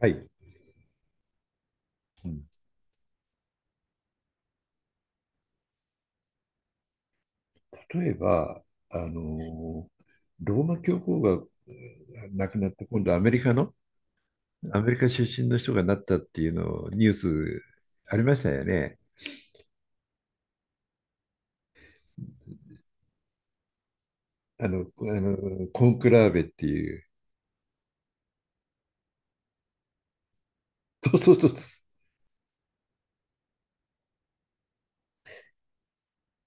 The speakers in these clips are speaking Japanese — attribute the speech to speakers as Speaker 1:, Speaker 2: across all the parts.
Speaker 1: はい。うん例えば、あの、ローマ教皇が亡くなって、今度アメリカの、アメリカ出身の人がなったっていうのをニュースありましたよね。あのコンクラーベっていう。そうそうそうそう。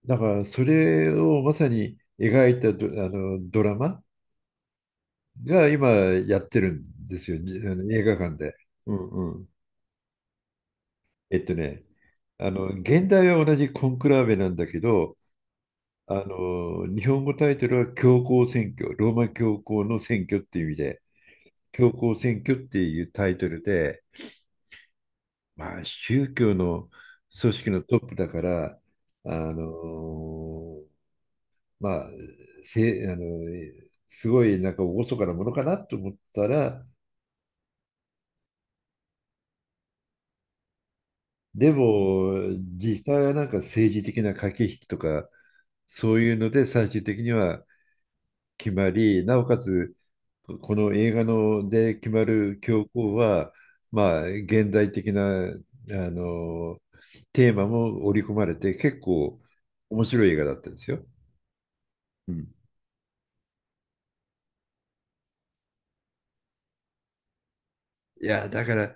Speaker 1: だからそれをまさに描いたあのドラマが今やってるんですよ、あの映画館で。うんうん。えっとね、あの現代は同じコンクラーベなんだけど、あの、日本語タイトルは教皇選挙、ローマ教皇の選挙っていう意味で、教皇選挙っていうタイトルで、まあ、宗教の組織のトップだから、あの、まあ、せ、あの、すごいなんか厳かなものかなと思ったら、でも、実際はなんか政治的な駆け引きとか、そういうので最終的には決まり、なおかつこの映画ので決まる教皇は、まあ、現代的なあのテーマも織り込まれて結構面白い映画だったんですよ。うん、いやだから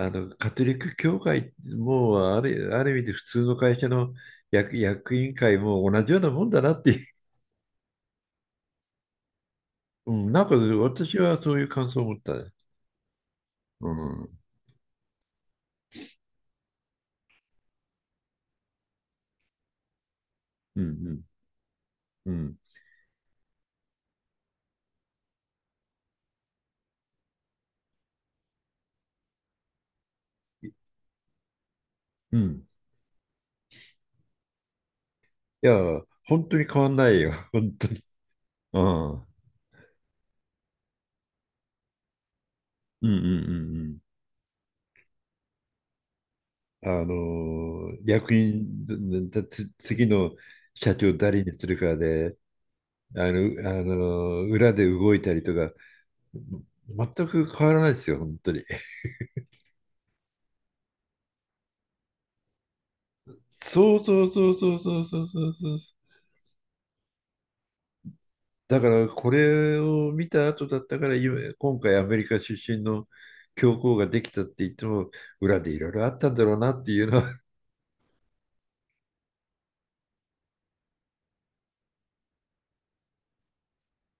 Speaker 1: カトリック教会もある、ある意味で普通の会社の役員会も同じようなもんだなっていう、うん、なんか私はそういう感想を持ったね。うん、うん、うん、うん。うんいや、本当に変わんないよ、本当に。うん、うん、うん、うん。うんあの、役員、だだつ次の社長誰にするかで、あの、裏で動いたりとか、全く変わらないですよ、本当に。そうそうそうそうそうそうそうそう。だからこれを見た後だったから、今回アメリカ出身の教皇ができたって言っても、裏でいろいろあったんだろうなっていうのは、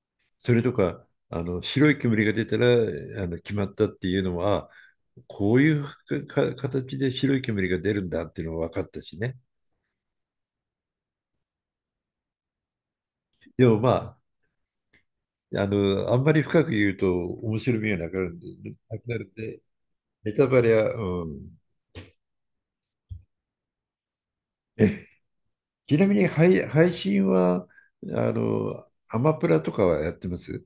Speaker 1: それとか、あの白い煙が出たらあの決まったっていうのも、こういう形で白い煙が出るんだっていうのも分かったしね。でもまあ、あの、あんまり深く言うと面白みがなくなるんで、なくなるんで、ネタバレは、うん。え、ちなみに配信は、あの、アマプラとかはやってます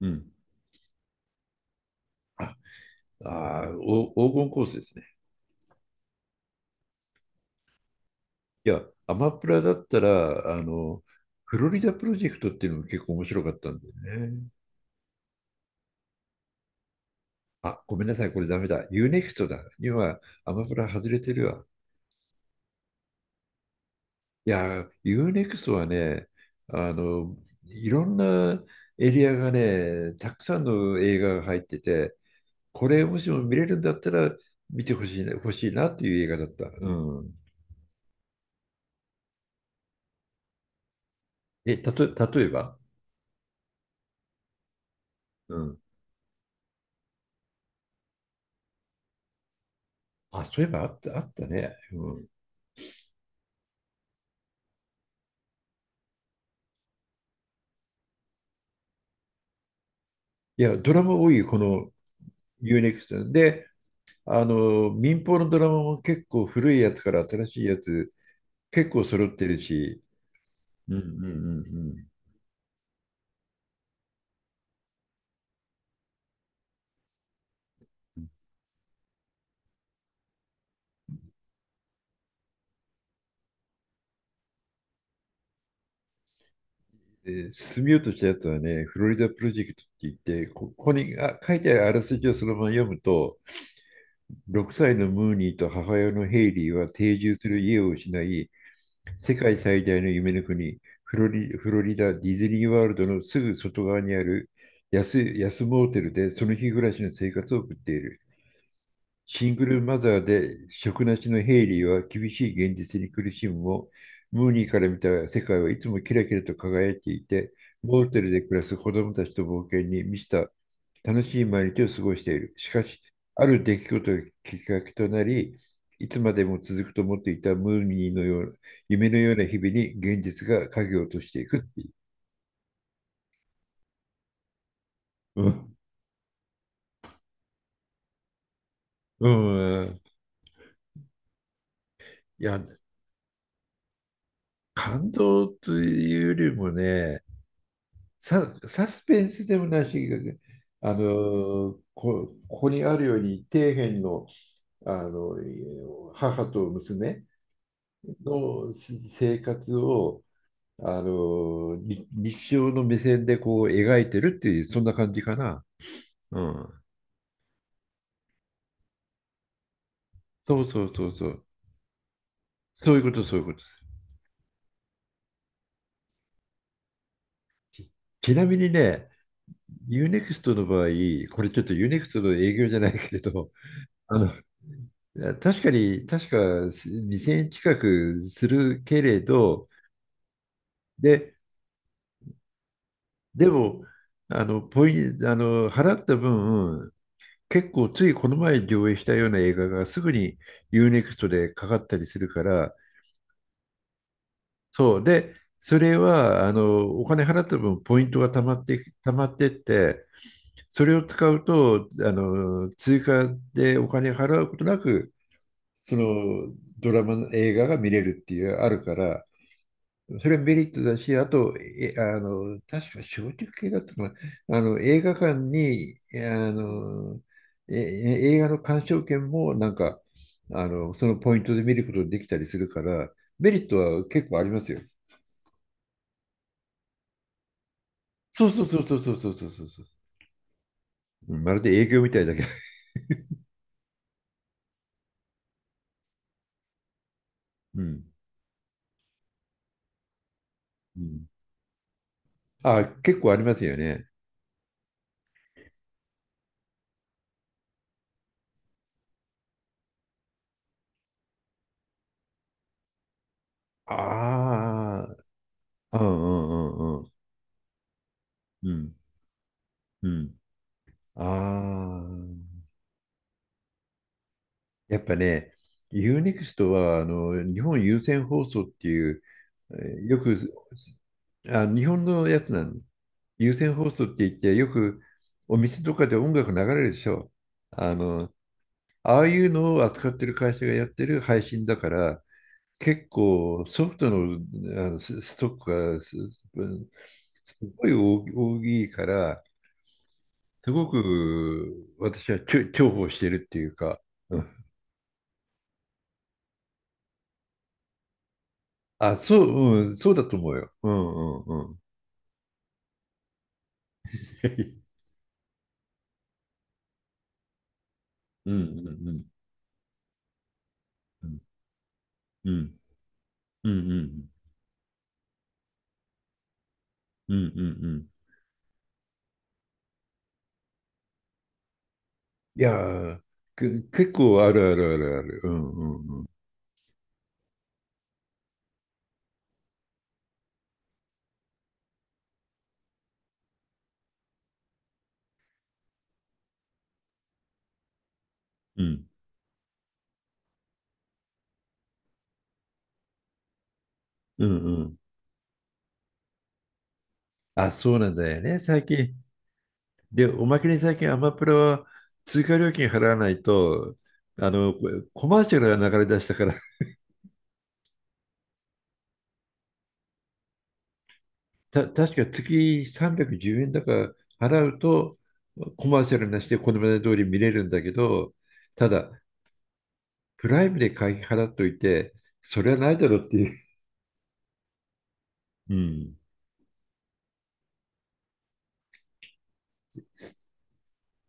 Speaker 1: うん。あ、あー、お、黄金コースですね。いや、アマプラだったら、あの、フロリダプロジェクトっていうのも結構面白かったんだよね。あ、ごめんなさい、これダメだ。ユーネクストだ。今、アマプラ外れてるわ。いや、UNEXT はね、あの、いろんなエリアがね、たくさんの映画が入ってて、これもしも見れるんだったら見てほしいな、っていう映画だった。うん。え、たと、例えば、うん。あ、そういえばあった、あったね。うん。いや、ドラマ多いよ、この UNEXT。で、あの、民放のドラマも結構古いやつから新しいやつ、結構揃ってるし、うんうんうん進みようとしたやつはね、フロリダプロジェクトって言って、ここに書いてあるあらすじをそのまま読むと、6歳のムーニーと母親のヘイリーは定住する家を失い、世界最大の夢の国、フロリダディズニーワールドのすぐ外側にある安モーテルでその日暮らしの生活を送っている。シングルマザーで職なしのヘイリーは厳しい現実に苦しむも、ムーニーから見た世界はいつもキラキラと輝いていて、モーテルで暮らす子供たちと冒険に満ちた楽しい毎日を過ごしている。しかし、ある出来事がきっかけとなり、いつまでも続くと思っていたムーニーのような夢のような日々に現実が影を落としていくっていう。うん、うん、いや、感動というよりもね、サスペンスでもないし、ここにあるように底辺の、母と娘の生活を、あのーに日常の目線でこう描いてるっていうそんな感じかな。うん、そうそうそうそう。そういうことそういうことです。ちちなみにね、ユーネクストの場合、これちょっとユーネクストの営業じゃないけれど、あのいや確かに、確かす2000円近くするけれど、で、でも、あの、ポイン、あの、払った分、結構ついこの前上映したような映画がすぐに U-NEXT でかかったりするから、そう。で、それは、あの、お金払った分、ポイントが溜まってって、それを使うと、あの、追加でお金払うことなく、そのドラマの映画が見れるっていう、あるから、それメリットだし、あと、え、あの、確か小食系だったかな。あの、映画館に、あの、え、映画の鑑賞券もなんか、あの、そのポイントで見ることができたりするから、メリットは結構ありますよ。そうそうそうそうそうそうそうそうそう。うんまるで営業みたいだけど。うん。うん。あ、結構ありますよね。ああ、うんうんうんうん。うん。うん。ああ。やっぱね、u n ク x トは日本有線放送っていう、えーよく日本のやつなんです。有線放送って言って、よくお店とかで音楽流れるでしょ。あの、ああいうのを扱ってる会社がやってる配信だから、結構ソフトの、あのストックがすごい大きいから、すごく私は重宝してるっていうか。あ、そう、うん、そうだと思うよ。うんうんうん。うんうんうんうんうんうんうんうんうんうんいやー、結構あるあるあるある。うんうんうん。うんうんうん。あ、そうなんだよね、最近。で、おまけに最近アマプラは追加料金払わないと、あの、コマーシャルが流れ出したから、確か月310円だから払うと、コマーシャルなしでこのまで通り見れるんだけど、ただ、プライムで会費払っといて、それはないだろうっていう。うん。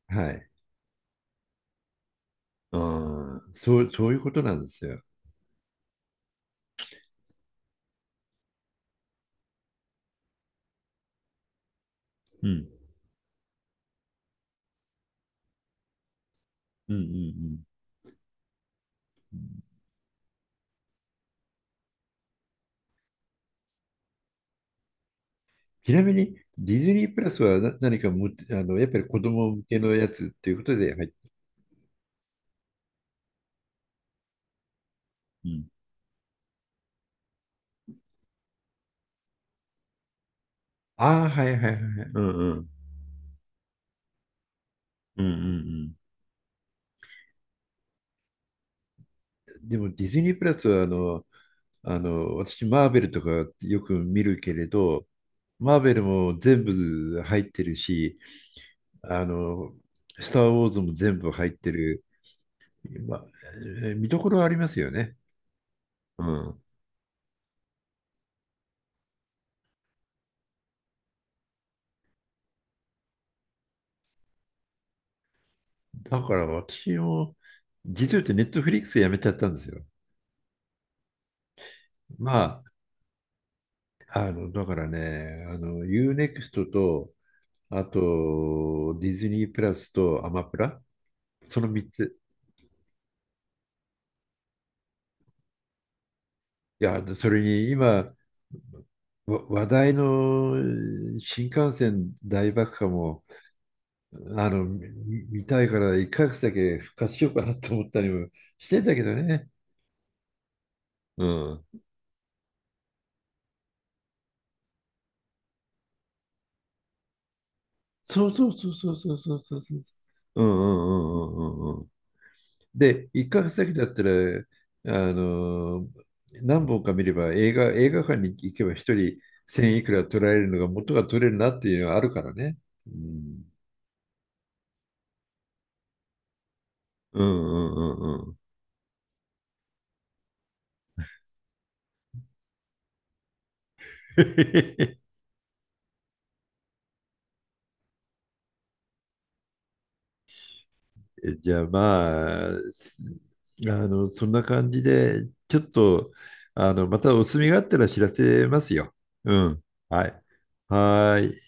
Speaker 1: はい。ああ、そう、そういうことなんですよ。うん。うんうんうん。ちなみに、ディズニープラスは何かも、あの、やっぱり子供向けのやつっていうことで入って、うん。ああ、はいはいはいはい。うんうん。うんうんでもディズニープラスはあの、あの、私、マーベルとかよく見るけれど、マーベルも全部入ってるし、あの、スター・ウォーズも全部入ってる、ま見どころはありますよね。うん。だから私も、実を言ってネットフリックスやめちゃったんですよ。まあ、あの、だからね、あの、u ネクストと、あと、ディズニープラスとアマプラ、その3つ。いや、それに今、話題の新幹線大爆破も、あの、見たいから一ヶ月だけ復活しようかなと思ったりもしてんだけどね。うん。そうそうそうそうそうそうそうそう。うんうんうんうんうんうん。で、一ヶ月だけだったら、あの、何本か見れば映画館に行けば一人1000いくら取られるのが元が取れるなっていうのはあるからね。うん。うんうんうんうん。じゃあまあ、あの、そんな感じで、ちょっと、あの、またお墨があったら知らせますよ。うん。はい。はーい。